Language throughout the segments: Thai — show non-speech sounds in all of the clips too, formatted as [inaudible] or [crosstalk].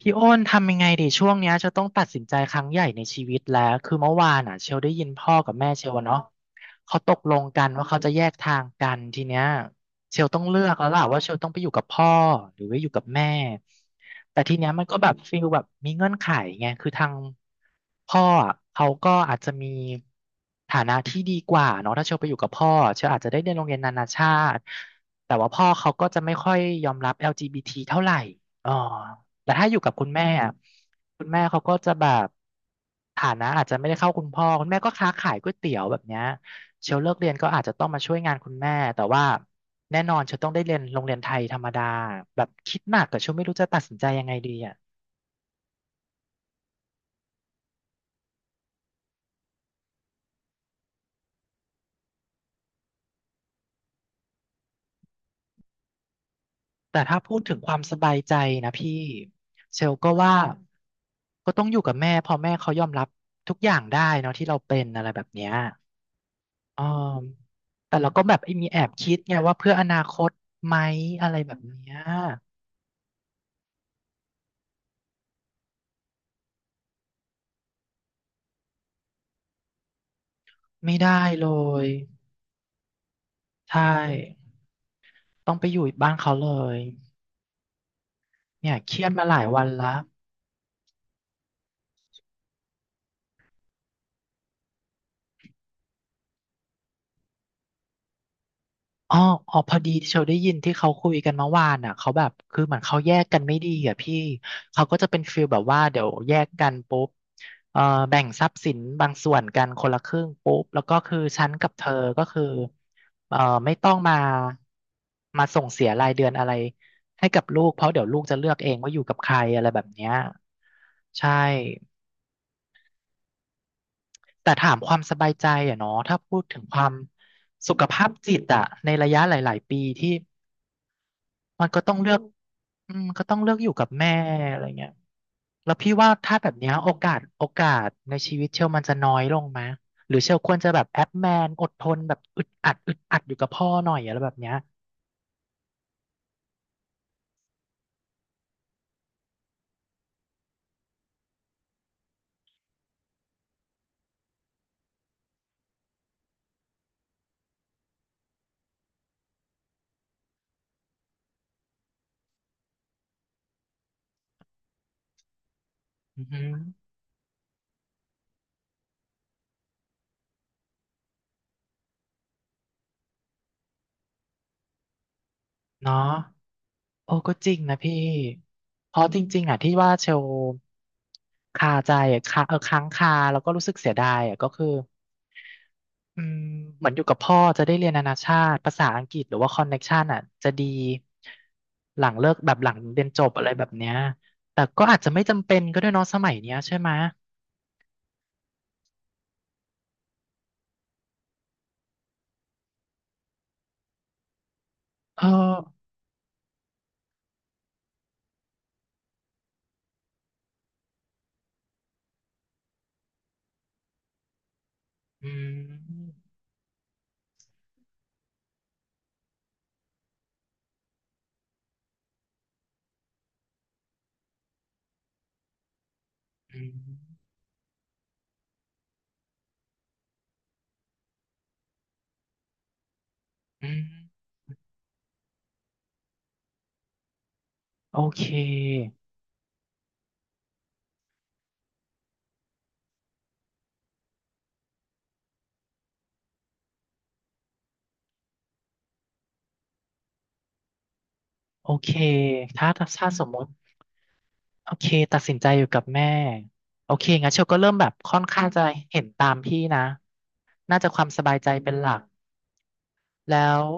พี่อ้นทำยังไงดีช่วงเนี้ยเชลต้องตัดสินใจครั้งใหญ่ในชีวิตแล้วคือเมื่อวานอ่ะเชลได้ยินพ่อกับแม่เชลอะเนาะเขาตกลงกันว่าเขาจะแยกทางกันทีเนี้ยเชลต้องเลือกแล้วล่ะว่าเชลต้องไปอยู่กับพ่อหรือว่าอยู่กับแม่แต่ทีเนี้ยมันก็แบบฟีลแบบมีเงื่อนไขไงคือทางพ่ออะเขาก็อาจจะมีฐานะที่ดีกว่าเนาะถ้าเชลไปอยู่กับพ่อเชลอาจจะได้เรียนโรงเรียนนานาชาติแต่ว่าพ่อเขาก็จะไม่ค่อยยอมรับ LGBT เท่าไหร่อ๋อ แต่ถ้าอยู่กับคุณแม่อะคุณแม่เขาก็จะแบบฐานะอาจจะไม่ได้เข้าคุณพ่อคุณแม่ก็ค้าขายก๋วยเตี๋ยวแบบเนี้ยเชลเลิกเรียนก็อาจจะต้องมาช่วยงานคุณแม่แต่ว่าแน่นอนเชลต้องได้เรียนโรงเรียนไทยธรรมดาแบบคิดหนักกับเชลไม่รู้จะตัดสินใจยังไงดีอ่ะแต่ถ้าพูดถึงความสบายใจนะพี่เชลก็ว่าก็ต้องอยู่กับแม่พอแม่เขายอมรับทุกอย่างได้เนาะที่เราเป็นอะไรแบบเนี้ย อ่าแต่เราก็แบบไอ้มีแอบคิดไงว่าเพื่ออนาคตไหมอะไรแบบเนี้ยไม่ได้เลยใช่ต้องไปอยู่บ้านเขาเลยเนี่ยเครียดมาหลายวันละ อ๋ออ๋อพอดีเชลได้ยินที่เขาคุยกันเมื่อวานอ่ะเขาแบบคือเหมือนเขาแยกกันไม่ดีอ่ะพี่เขาก็จะเป็นฟีลแบบว่าเดี๋ยวแยกกันปุ๊บเอ่อแบ่งทรัพย์สินบางส่วนกันคนละครึ่งปุ๊บแล้วก็คือฉันกับเธอก็คือเอ่อไม่ต้องมาส่งเสียรายเดือนอะไรให้กับลูกเพราะเดี๋ยวลูกจะเลือกเองว่าอยู่กับใครอะไรแบบเนี้ยใช่แต่ถามความสบายใจอะเนาะถ้าพูดถึงความสุขภาพจิตอะในระยะหลายๆปีที่ มันก็ต้องเลือกอืมก็ต้องเลือกอยู่กับแม่อะไรเงี้ยแล้วพี่ว่าถ้าแบบเนี้ยโอกาสในชีวิตเชลมันจะน้อยลงไหมหรือเชลควรจะแบบแอปแมนอดทนแบบอึดอัดอยู่กับพ่อหน่อยอะไรแบบเนี้ยอือหือเนาะโอ้ก็จริงนะพี่เพราะจริงๆอ่ะที่ว่าเชลคาใจอะคาค้างคาแล้วก็รู้สึกเสียดายอ่ะก็คือ อืมเหมือนอยู่กับพ่อจะได้เรียนนานาชาติภาษาอังกฤษหรือว่าคอนเน็กชันอ่ะจะดีหลังเลิกแบบหลังเรียนจบอะไรแบบเนี้ยแต่ก็อาจจะไม่จำเป็นก็ด้วยเนาะสมัยเนี้ยใช่ไหมเอออืมอืมอืมโอเคโอเคถ้าสมมติโอเคตัดสินใจอยู่กับแม่โอเคงั้นเชลก็เริ่มแบบค่อนข้างจะเห็นตามพี่นะน่าจะความสบายใจเป็นหลัก แล้ว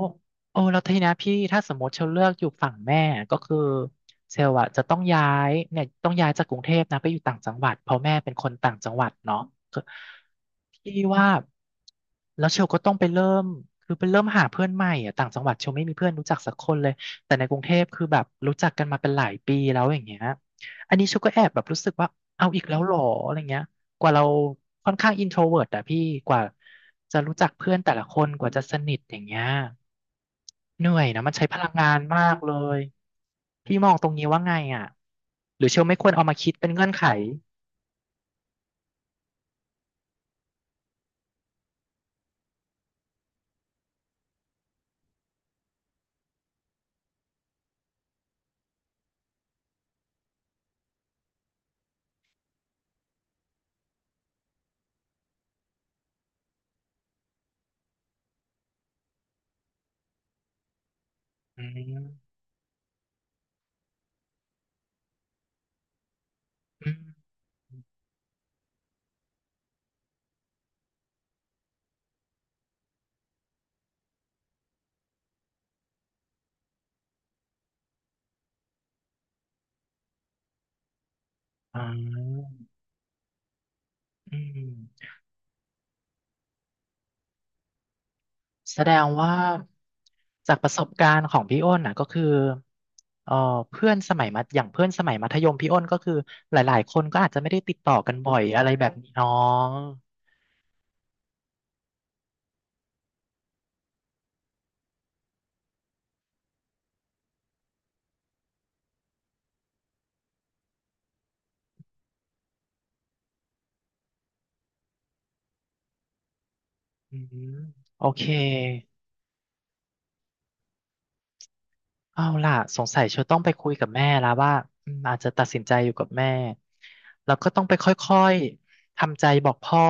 โอ้แล้วทีนะพี่ถ้าสมมติเชลเลือกอยู่ฝั่งแม่ก็คือเชลอะจะต้องย้ายเนี่ยต้องย้ายจากกรุงเทพนะไปอยู่ต่างจังหวัดเพราะแม่เป็นคนต่างจังหวัดเนาะคือพี่ว่าแล้วเชลก็ต้องไปเริ่มไปเริ่มหาเพื่อนใหม่อะต่างจังหวัดเชลไม่มีเพื่อนรู้จักสักคนเลยแต่ในกรุงเทพคือแบบรู้จักกันมาเป็นหลายปีแล้วอย่างเงี้ยอันนี้เชลก็แอบแบบรู้สึกว่าเอาอีกแล้วเหรออะไรเงี้ย กว่าเราค่อนข้างอินโทรเวิร์ตอะพี่กว่าจะรู้จักเพื่อนแต่ละคนกว่าจะสนิทอย่างเงี้ยเหนื่อยนะมันใช้พลังงานมากเลยพี่มองตรงนี้ว่าไงอ่ะหรือเชลไม่ควรเอามาคิดเป็นเงื่อนไขอืมอืมอ่าอืมแสดงว่าจากประสบการณ์ของพี่อ้นนะก็คือเอ่อเพื่อนสมัยมัธอย่างเพื่อนสมัยมัธยมพี่อ้นก็คือหลายๆคนก็อาจจะไม่ได้ติดต่อกันบ่อยอะไรแบบนี้เนาะ อืมโอเคเอาล่ะสงสัยเชลต้องไปคุยกับแม่แล้วว่าอืมอาจจะตัดสินใจอยู่กับแม่แล้วก็ต้องไปค่อยๆทำใจบอกพ่อ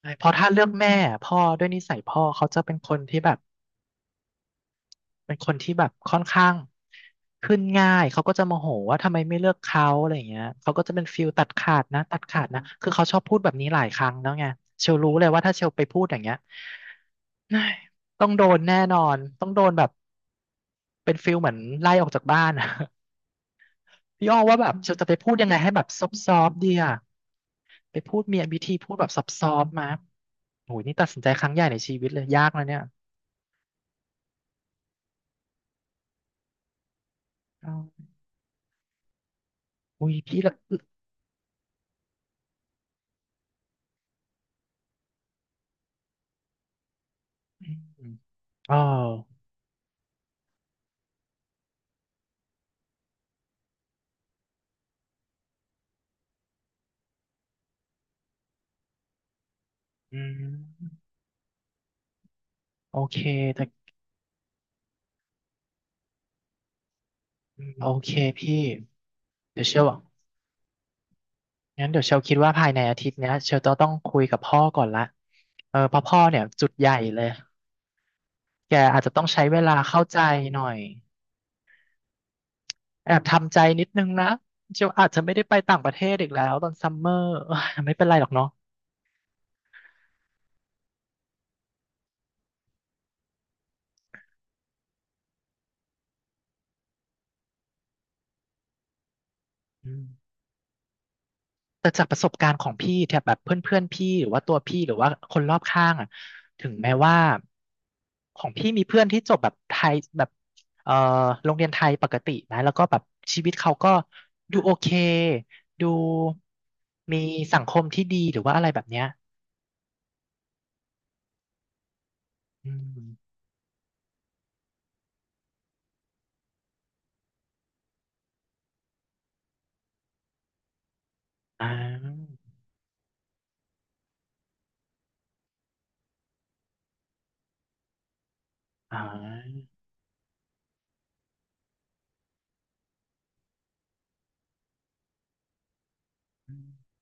ใช่เพราะถ้าเลือกแม่พ่อด้วยนิสัยพ่อเขาจะเป็นคนที่แบบ เป็นคนที่แบบค่อนข้างขึ้นง่าย เขาก็จะโมโหว่าทำไมไม่เลือกเขาอะไรอย่างเงี้ยเขาก็จะเป็นฟิลตัดขาดนะตัดขาดนะคือเขาชอบพูดแบบนี้หลายครั้งแล้วไงเชลรู้เลยว่าถ้าเชลไปพูดอย่างเงี้ย [sighs] เฮ้ยต้องโดนแน่นอนต้องโดนแบบเป็นฟิลเหมือนไล่ออกจากบ้านอะ [laughs] พี่อ้อว่าแบบเชลจะไปพูดยังไงให้แบบซอฟซอฟดีอะไปพูดมีวิธีพูดแบบซอฟซอฟมาโหยนี่ตัดสินใจครั้งใหญ่ในชีวิตเลยยากนะเนี่ยอ๋ออุ้ยพี่ละอมอ๋อ อืมโอเคแต่อืมโอเคพี่เดี๋ยวเชลงั้นเดี๋ยวเชลคิดว่าภายในอาทิตย์เนี้ยเชลต้องคุยกับพ่อก่อนละเออเพราะพ่อเนี่ยจุดใหญ่เลยแกอาจจะต้องใช้เวลาเข้าใจหน่อยแอบทำใจนิดนึงนะเชลอาจจะไม่ได้ไปต่างประเทศอีกแล้วตอนซัมเมอร์เอ้ยไม่เป็นไรหรอกเนาะอืม แต่จากประสบการณ์ของพี่แถบแบบเพื่อนๆพอนพี่หรือว่าตัวพี่หรือว่าคนรอบข้างอ่ะถึงแม้ว่าของพี่มีเพื่อนที่จบแบบไทยแบบเอ่อโรงเรียนไทยปกตินะแล้วก็แบบชีวิตเขาก็ดูโอเคดูมีสังคมที่ดีหรือว่าอะไรแบบเนี้ยอืมอ่าอ่าอืม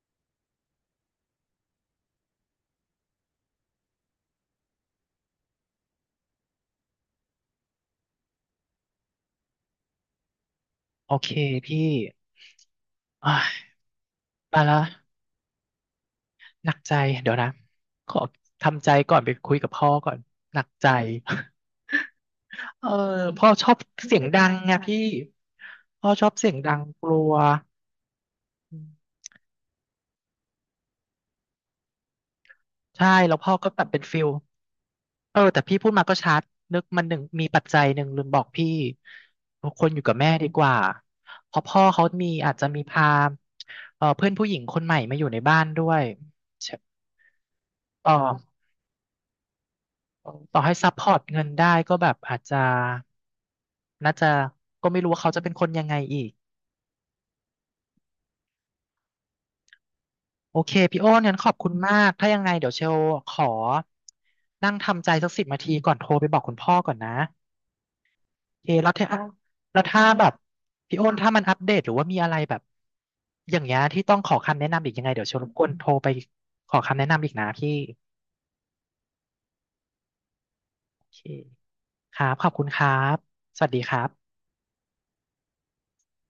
โอเคพี่อ่าไปละหนักใจเดี๋ยวนะขอทำใจก่อนไปคุยกับพ่อก่อนหนักใจ เออพ่อชอบเสียงดังไงพี่พ่อชอบเสียงดังกลัวอืมใช่แล้วพ่อก็แบบเป็นฟิลเออแต่พี่พูดมาก็ชัดนึกมันหนึ่งมีปัจจัยหนึ่งลืมบอกพี่คนอยู่กับแม่ดีกว่าเพราะพ่อเขามีอาจจะมีพาเออเพื่อนผู้หญิงคนใหม่มาอยู่ในบ้านด้วยต่อต่อให้ซัพพอร์ตเงินได้ก็แบบอาจจะน่าจะก็ไม่รู้ว่าเขาจะเป็นคนยังไงอีก โอเคพี่โอ้นงั้นขอบคุณมากถ้ายังไงเดี๋ยวเชลขอนั่งทำใจสัก10 นาทีก่อนโทรไปบอกคุณพ่อก่อนนะโอเคแล้วถ้าแล้วถ้าแบบพี่โอ้นถ้ามันอัปเดตหรือว่ามีอะไรแบบอย่างเงี้ยที่ต้องขอคำแนะนำอีกยังไงเดี๋ยวเชลรบกวนโทรไปขอคำแนะนำอีกนะพี่โอเคครับขอบคุณครับสวัสดีครับ